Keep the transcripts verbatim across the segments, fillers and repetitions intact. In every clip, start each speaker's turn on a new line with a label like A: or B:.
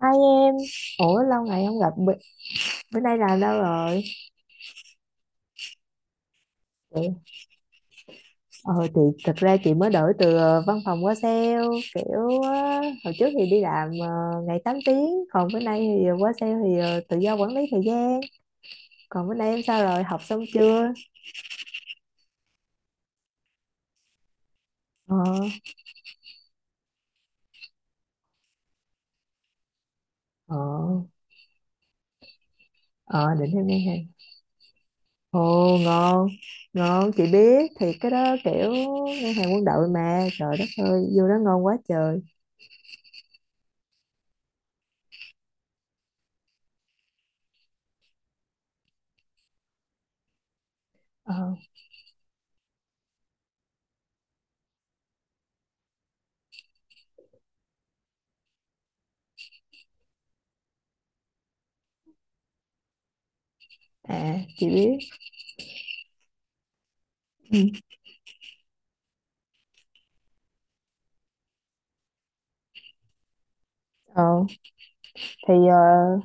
A: Hai em, ủa lâu ngày không gặp, bữa, bữa nay làm đâu rồi? Chị, ờ chị, thật ra chị mới đổi từ ờ, văn phòng qua sale, kiểu ờ, hồi trước thì đi làm ờ, ngày tám tiếng, còn bữa nay thì ờ, qua sale thì ờ, tự do quản lý thời gian. Còn bữa nay em sao rồi, học xong chưa? Ờ, ờ, ờ, định em nghe hàng. Ồ, ngon, ngon, chị biết, thì cái đó kiểu ngân hàng quân đội mà, trời đất ơi, vô đó ngon quá trời. Ờ, à, chị biết. Ừ. Ờ, thì ờ,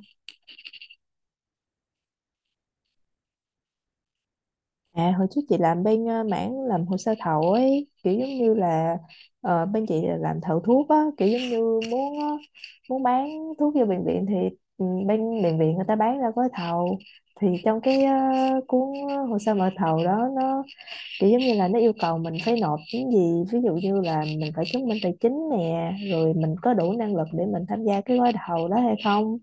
A: à, hồi trước chị làm bên ờ, mảng làm hồ sơ thầu ấy kiểu giống như là ờ, bên chị là làm thầu thuốc á, kiểu giống như muốn ờ, muốn bán thuốc cho bệnh viện, thì ừ, bên bệnh viện người ta bán ra gói thầu, thì trong cái ờ, cuốn hồ sơ mời thầu đó nó kiểu giống như là nó yêu cầu mình phải nộp những gì, ví dụ như là mình phải chứng minh tài chính nè, rồi mình có đủ năng lực để mình tham gia cái gói thầu đó hay không,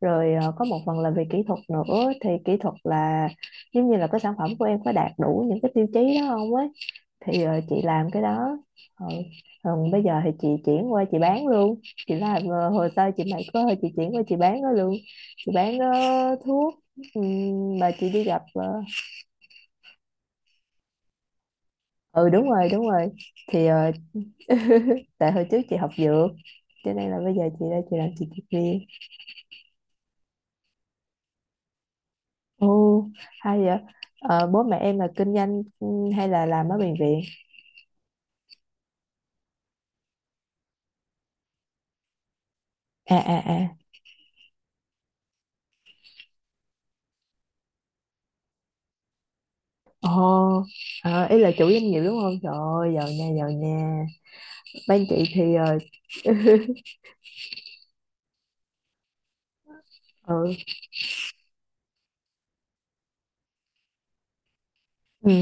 A: rồi ờ, có một phần là về kỹ thuật nữa, thì kỹ thuật là giống như là cái sản phẩm của em có đạt đủ những cái tiêu chí đó không ấy, thì ờ, chị làm cái đó. Ừ. Còn bây giờ thì chị chuyển qua chị bán luôn. Chị làm ờ, hồ sơ chị mày có thôi, chị chuyển qua chị bán nó luôn. Chị bán ờ, thuốc. Ừm, mà chị đi gặp ờ, ừ, đúng rồi, đúng rồi. Thì ờ, tại hồi trước chị học dược, cho nên là bây giờ chị đây chị làm chị dược viên. Ồ, hay vậy. Ờ, bố mẹ em là kinh doanh, ừ, hay là làm ở bệnh viện. À, à, à. Ồ. À, ý là chủ doanh nghiệp đúng không, trời ơi giàu nha, giàu nha, bên chị thì ờ ừ, ừ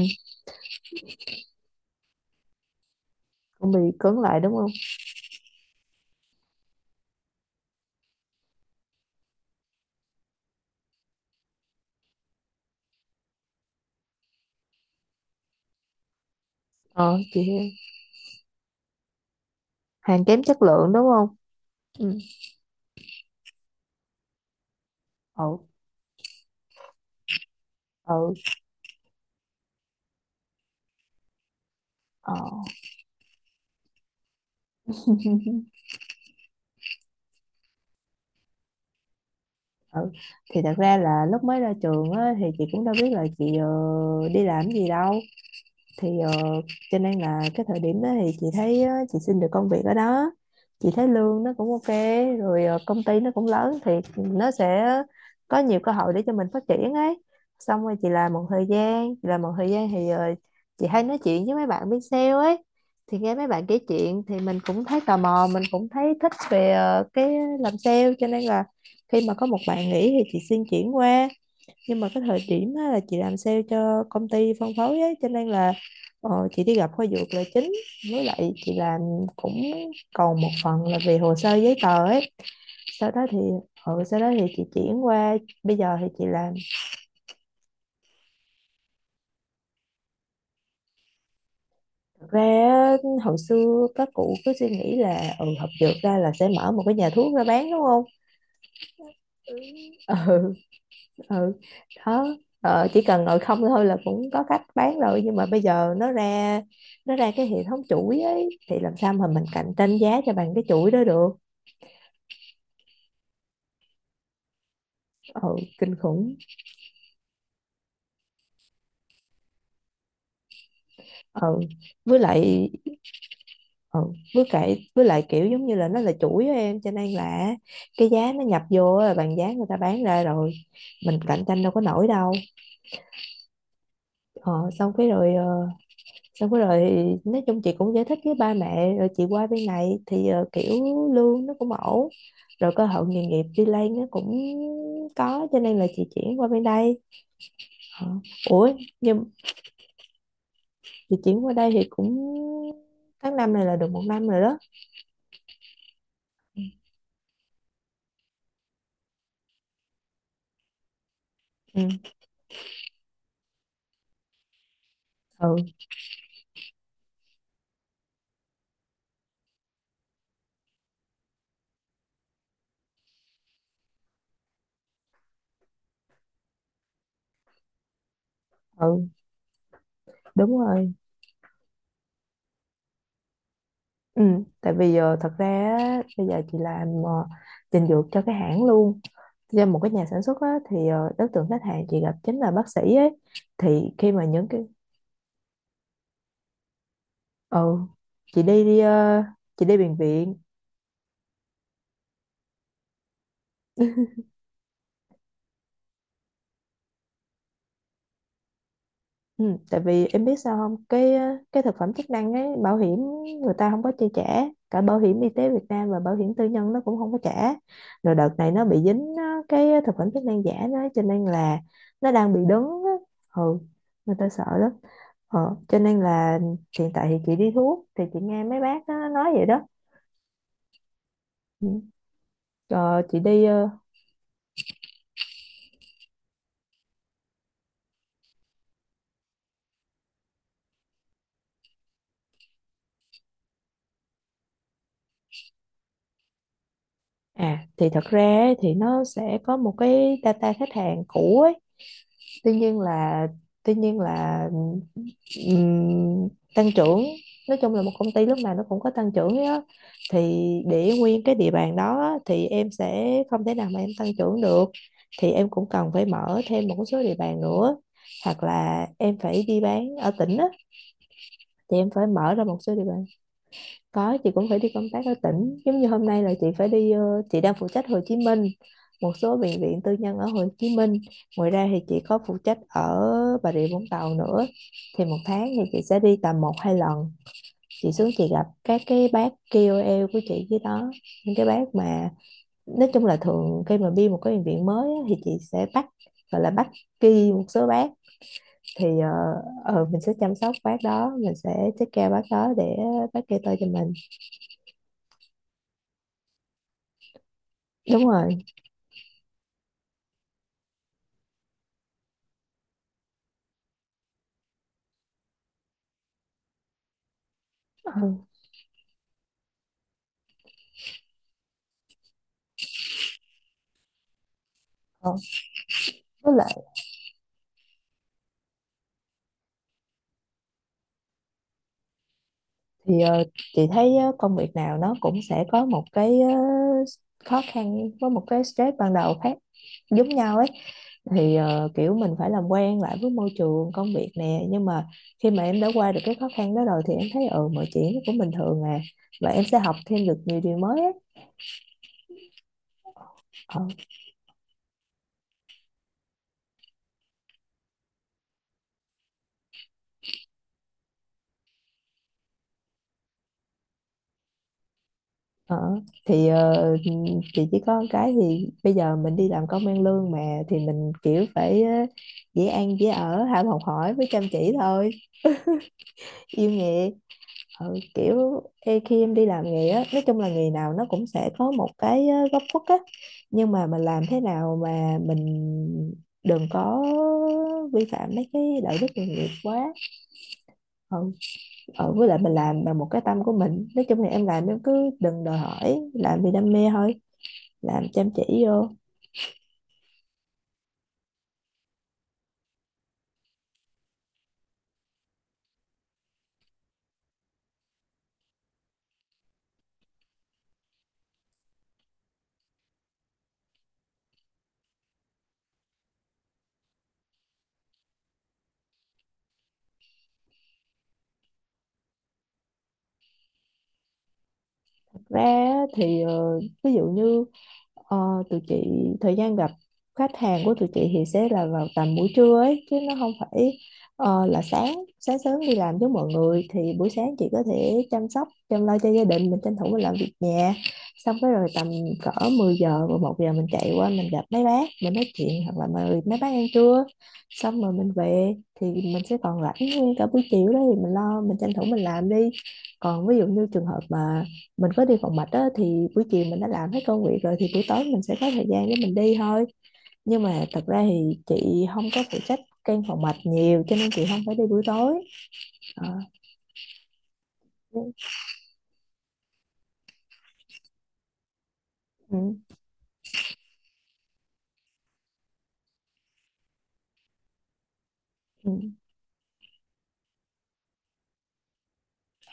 A: cũng bị cứng lại đúng không, ờ chị hàng kém chất lượng đúng không. Ừ, ừ, ừ. ờ, ừ, thì thật ra là lúc mới ra trường á, thì chị cũng đâu biết là chị ờ, đi làm cái gì đâu, thì ờ, cho nên là cái thời điểm đó thì chị thấy ờ, chị xin được công việc ở đó, chị thấy lương nó cũng OK, rồi ờ, công ty nó cũng lớn thì nó sẽ có nhiều cơ hội để cho mình phát triển ấy. Xong rồi chị làm một thời gian chị làm một thời gian thì ờ, chị hay nói chuyện với mấy bạn bên sale ấy, thì nghe mấy bạn kể chuyện thì mình cũng thấy tò mò, mình cũng thấy thích về ờ, cái làm sale, cho nên là khi mà có một bạn nghỉ thì chị xin chuyển qua. Nhưng mà cái thời điểm á, là chị làm sale cho công ty phân phối ấy, cho nên là ờ, chị đi gặp khoa dược là chính, với lại chị làm cũng còn một phần là về hồ sơ giấy tờ ấy. Sau đó thì ừ, sau đó thì chị chuyển qua, bây giờ thì chị làm. Thật ra á, hồi xưa các cụ cứ suy nghĩ là ừ học dược ra là sẽ mở một cái nhà thuốc ra bán đúng không. Ừ, ừ, đó. Ờ, chỉ cần ngồi không thôi là cũng có cách bán rồi, nhưng mà bây giờ nó ra nó ra cái hệ thống chuỗi ấy, thì làm sao mà mình cạnh tranh giá cho bằng cái chuỗi đó được. Ừ, kinh khủng. Ừ, với lại ừ với lại với lại kiểu giống như là nó là chuỗi á em, cho nên là cái giá nó nhập vô á là bằng giá người ta bán ra rồi, mình cạnh tranh đâu có nổi đâu. Ờ, xong cái rồi ờ, xong cái rồi nói chung chị cũng giải thích với ba mẹ rồi, chị qua bên này thì ờ, kiểu lương nó cũng ổn, rồi cơ hội nghề nghiệp đi lên nó cũng có, cho nên là chị chuyển qua bên đây. Ờ. Ủa, nhưng chị chuyển qua đây thì cũng tháng năm này là được một năm rồi đó. Ừ. Ừ, ừ, đúng rồi. Ừ, tại vì giờ thật ra á, bây giờ chị làm ờ, trình dược cho cái hãng luôn, cho một cái nhà sản xuất á, thì ờ, đối tượng khách hàng chị gặp chính là bác sĩ ấy, thì khi mà những cái. Ừ, chị đi đi ờ, chị đi bệnh viện. ừ, tại vì em biết sao không, cái ờ, cái thực phẩm chức năng ấy bảo hiểm người ta không có chi trả, cả bảo hiểm y tế Việt Nam và bảo hiểm tư nhân nó cũng không có trả, rồi đợt này nó bị dính ờ, cái thực phẩm chức năng giả nó, cho nên là nó đang bị đứng á. Ừ, người ta sợ lắm. Ờ, cho nên là hiện tại thì chị đi thuốc thì chị nghe mấy bác nó nói vậy đó. Ừ. Ờ, chị đi ờ, à thì thật ra ấy, thì nó sẽ có một cái data khách hàng cũ ấy. Tuy nhiên là tuy nhiên là ừm, tăng trưởng, nói chung là một công ty lúc nào nó cũng có tăng trưởng ấy á. Thì để nguyên cái địa bàn đó á, thì em sẽ không thể nào mà em tăng trưởng được, thì em cũng cần phải mở thêm một số địa bàn nữa, hoặc là em phải đi bán ở tỉnh á, thì em phải mở ra một số địa bàn. Có, chị cũng phải đi công tác ở tỉnh. Giống như hôm nay là chị phải đi, ờ, chị đang phụ trách Hồ Chí Minh, một số bệnh viện tư nhân ở Hồ Chí Minh. Ngoài ra thì chị có phụ trách ở Bà Rịa Vũng Tàu nữa. Thì một tháng thì chị sẽ đi tầm một hai lần. Chị xuống chị gặp các cái bác ca o lờ của chị với đó. Những cái bác mà nói chung là thường khi mà đi một cái bệnh viện mới á, thì chị sẽ bắt, gọi là bắt kỳ một số bác, thì ờ, ờ, mình sẽ chăm sóc bác đó, mình sẽ take care bác đó để bác kê tôi cho mình. Đúng rồi. Ừ. Ờ, với lại thì ờ, chị thấy ờ, công việc nào nó cũng sẽ có một cái ờ, khó khăn với một cái stress ban đầu khác giống nhau ấy, thì ờ, kiểu mình phải làm quen lại với môi trường công việc nè, nhưng mà khi mà em đã qua được cái khó khăn đó rồi thì em thấy ừ mọi chuyện nó cũng bình thường à, và em sẽ học thêm được nhiều điều mới ấy. Ờ, ờ. Thì ờ, chị chỉ có một cái, thì bây giờ mình đi làm công ăn lương mà, thì mình kiểu phải ờ, dễ ăn dễ ở, ham học hỏi với chăm chỉ thôi, yêu nghề. Ừ, kiểu ê, khi em đi làm nghề á, nói chung là nghề nào nó cũng sẽ có một cái ờ, góc khuất á, nhưng mà mình làm thế nào mà mình đừng có vi phạm mấy cái đạo đức nghề nghiệp quá. Ừ. Ừ, với lại mình làm bằng một cái tâm của mình, nói chung là em làm em cứ đừng đòi hỏi, làm vì đam mê thôi, làm chăm chỉ vô. Thật ra á, thì ờ, ví dụ như ờ, tụi chị thời gian gặp khách hàng của tụi chị thì sẽ là vào tầm buổi trưa ấy, chứ nó không phải ờ, là sáng sáng sớm đi làm với mọi người. Thì buổi sáng chị có thể chăm sóc chăm lo cho gia đình mình, tranh thủ mình làm việc nhà, xong cái rồi tầm cỡ mười giờ và một giờ mình chạy qua mình gặp mấy bác mình nói chuyện, hoặc là mời mấy bác ăn trưa, xong rồi mình về, thì mình sẽ còn rảnh nguyên cả buổi chiều đó, thì mình lo mình tranh thủ mình làm đi. Còn ví dụ như trường hợp mà mình có đi phòng mạch á, thì buổi chiều mình đã làm hết công việc rồi, thì buổi tối mình sẽ có thời gian để mình đi thôi, nhưng mà thật ra thì chị không có phụ trách căn phòng mạch nhiều cho nên chị không phải đi buổi tối. Ờ, ừ, ừ, ừ,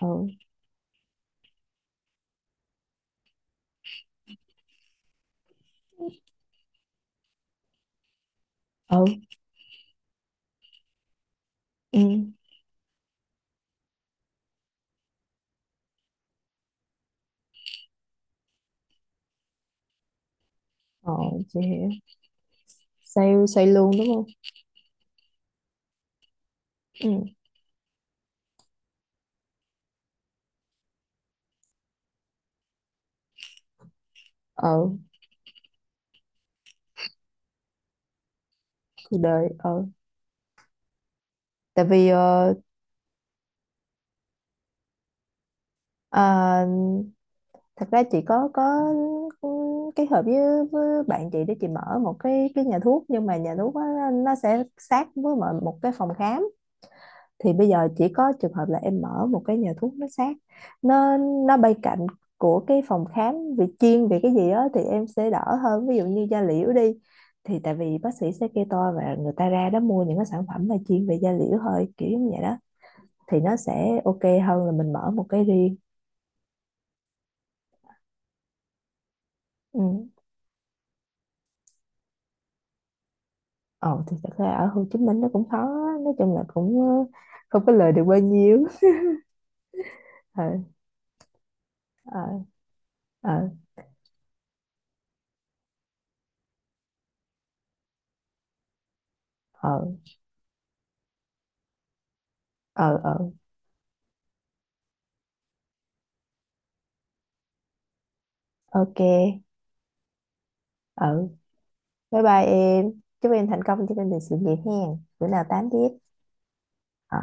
A: ừ, ừ, ừ. ờ chị hiểu, sale sale luôn đúng không. Ừ. ờ Cuộc đời. ờ Tại vì ờ, à, thật ra chị có có kết hợp với, với, bạn chị để chị mở một cái cái nhà thuốc, nhưng mà nhà thuốc á, nó sẽ sát với mọi- một cái phòng khám. Thì bây giờ chỉ có trường hợp là em mở một cái nhà thuốc nó sát, nó nó bay cạnh của cái phòng khám, vì chuyên về cái gì đó thì em sẽ đỡ hơn, ví dụ như da liễu đi, thì tại vì bác sĩ sẽ kê toa và người ta ra đó mua những cái sản phẩm mà chuyên về da liễu thôi, kiểu như vậy đó. Thì nó sẽ OK hơn là mình mở một cái riêng. Ừ. Ồ, thì thật ra ở Hồ Chí Minh nó cũng khó á, nói chung là cũng ờ, không có lời được bao nhiêu. ờ ờ ờ ờ ờ ờ ờ, OK. ờ Bye bye em. Chúc em thành công trên con đường sự nghiệp hen. Bữa nào tám tiếp. Ờ.